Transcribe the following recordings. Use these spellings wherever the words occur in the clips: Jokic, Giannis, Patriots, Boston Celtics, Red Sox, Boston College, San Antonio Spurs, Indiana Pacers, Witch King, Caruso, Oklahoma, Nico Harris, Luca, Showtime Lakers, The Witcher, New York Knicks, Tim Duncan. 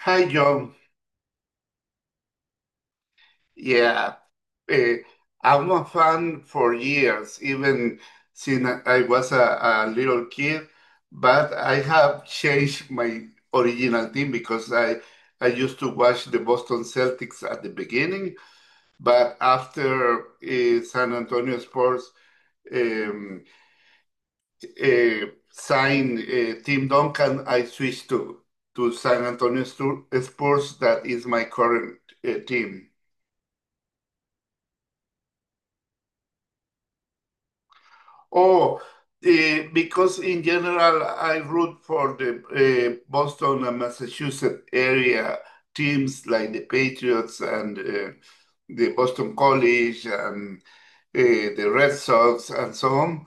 Hi, John. Yeah, eh, I'm a fan for years, even since I was a little kid. But I have changed my original team because I used to watch the Boston Celtics at the beginning, but after San Antonio Spurs um, eh, signed Tim Duncan, I switched to San Antonio Spurs. That is my current team. Oh, because in general, I root for the Boston and Massachusetts area teams like the Patriots and the Boston College and uh, the Red Sox and so on.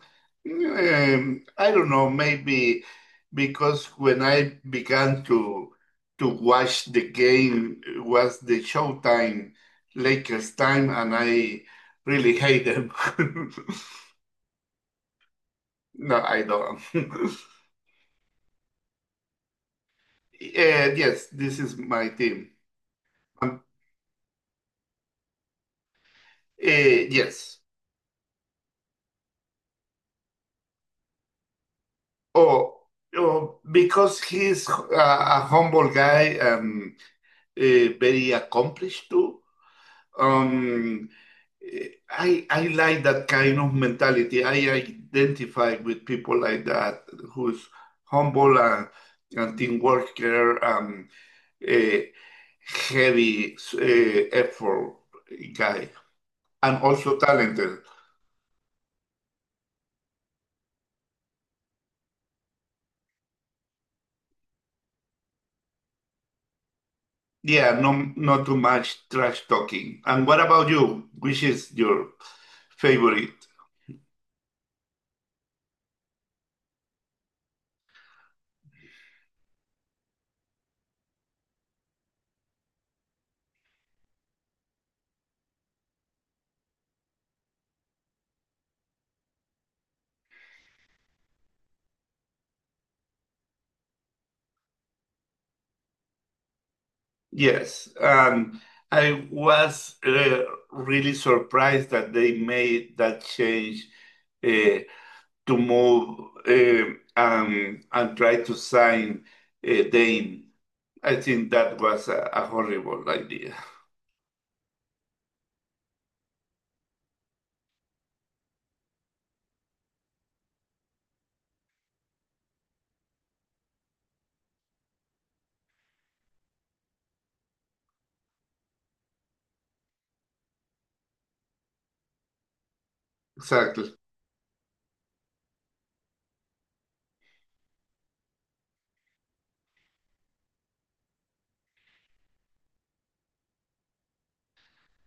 I don't know, maybe because when I began to watch the game it was the Showtime Lakers time, and I really hate them. No, I don't. Yes, this is my team. Um, yes. Oh, oh, because he's a humble guy and very accomplished too. Um, I like that kind of mentality. I identify with people like that who's humble and team worker and a heavy effort guy and also talented. Yeah, no, not too much trash talking. And what about you? Which is your favorite? Yes, and I was really surprised that they made that change uh, to move and try to sign Dane. I think that was a horrible idea. Exactly.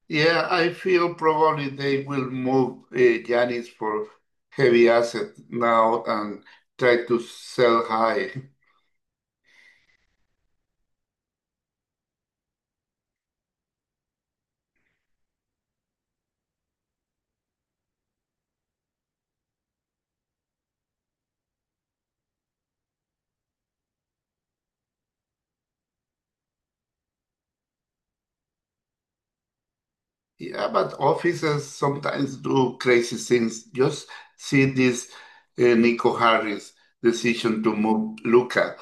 Yeah, I feel probably they will move Giannis for heavy asset now and try to sell high. Yeah, but officers sometimes do crazy things. Just see this Nico Harris decision to move Luca.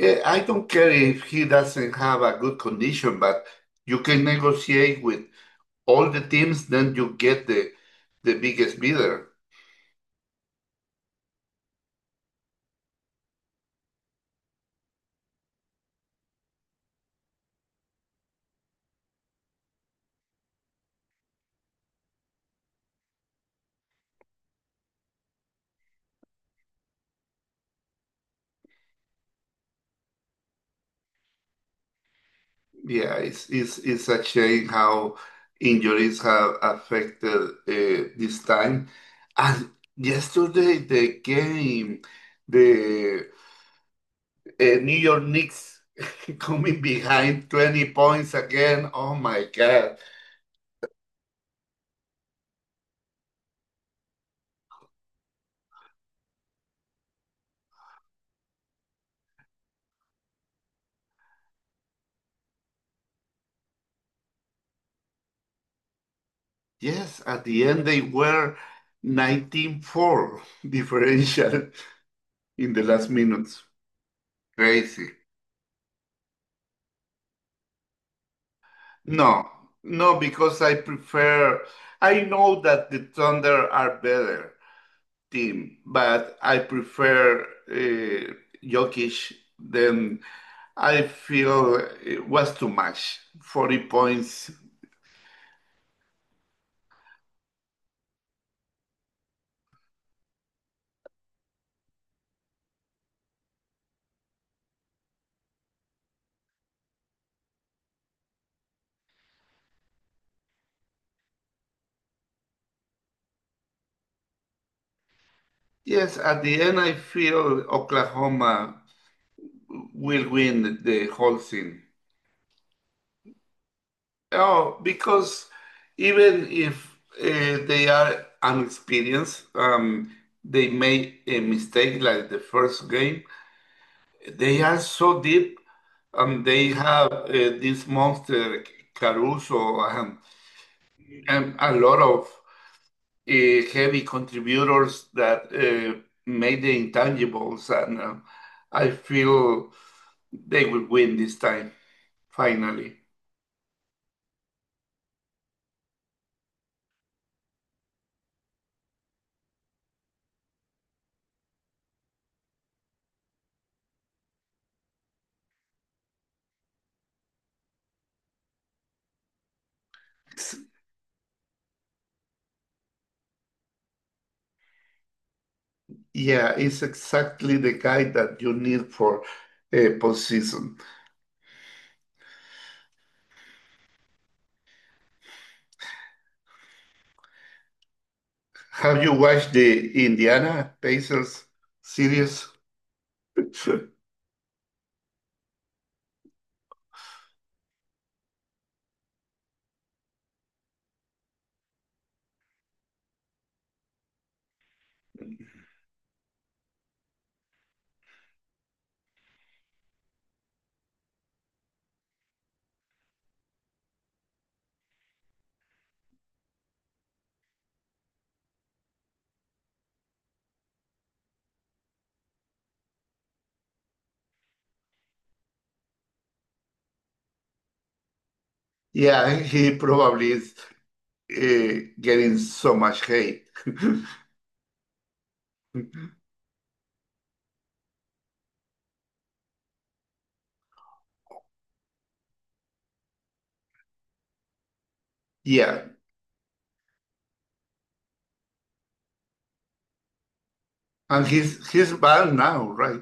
I don't care if he doesn't have a good condition, but you can negotiate with all the teams, then you get the biggest bidder. Yeah, it's a shame how injuries have affected this time. And yesterday, the game, the New York Knicks coming behind 20 points again. Oh my God. Yes, at the end, they were 19-4 differential in the last minutes. Crazy. No, no, because I know that the Thunder are better. Team, but I prefer uh, Jokic. Then I feel it was too much. 40 points. Yes, at the end, I feel Oklahoma will win the whole thing. Oh, because even if they are inexperienced, they made a mistake like the first game. They are so deep, and they have this monster Caruso and a lot of heavy contributors that made the intangibles, and I feel they will win this time, finally. It's- yeah, it's exactly the guy that you need for a postseason. Have you watched the Indiana Pacers series? Yeah, he probably is. uh, Getting so much hate. Yeah, and he's banned now, right?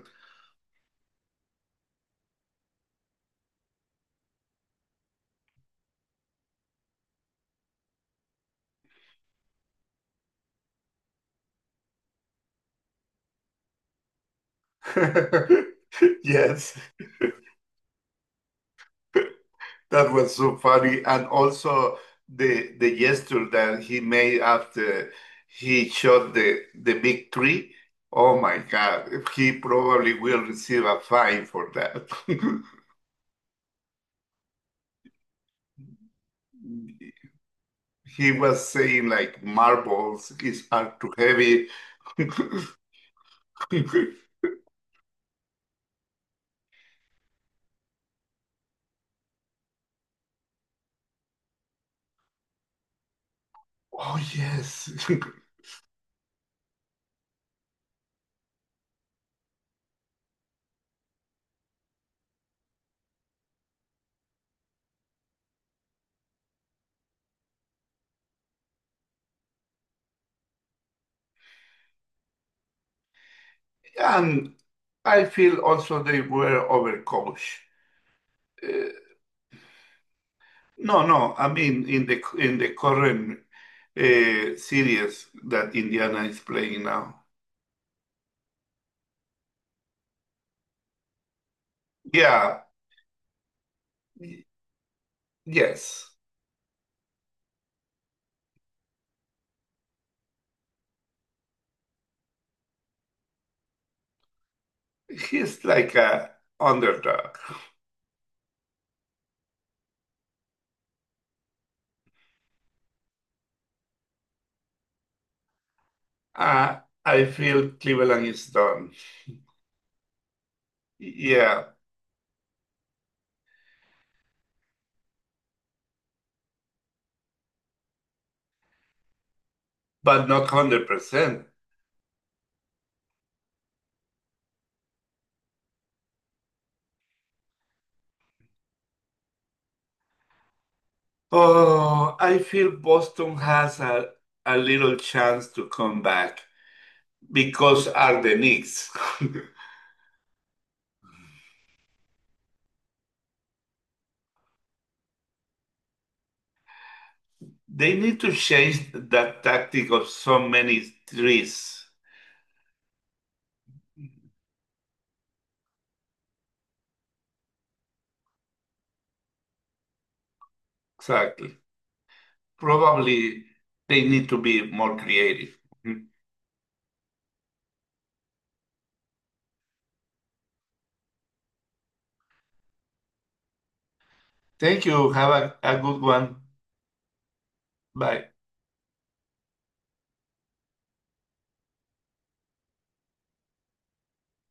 Yes, that was so funny, and also the gesture that he made after he shot the big tree. Oh my God, he probably will receive a fine for that. He was saying like marbles is are too heavy. Oh yes. And I feel also they were overcoached. Uh, no, no, I mean in the current series that Indiana is playing now. Yeah, y- yes, he's like a underdog. Uh, I feel Cleveland is done. Yeah, but not 100%. Oh, I feel Boston has a little chance to come back because are the Knicks. They need to change that tactic of so many trees. Exactly. Probably they need to be more creative. Mhm. Thank you. Have a good one. Bye.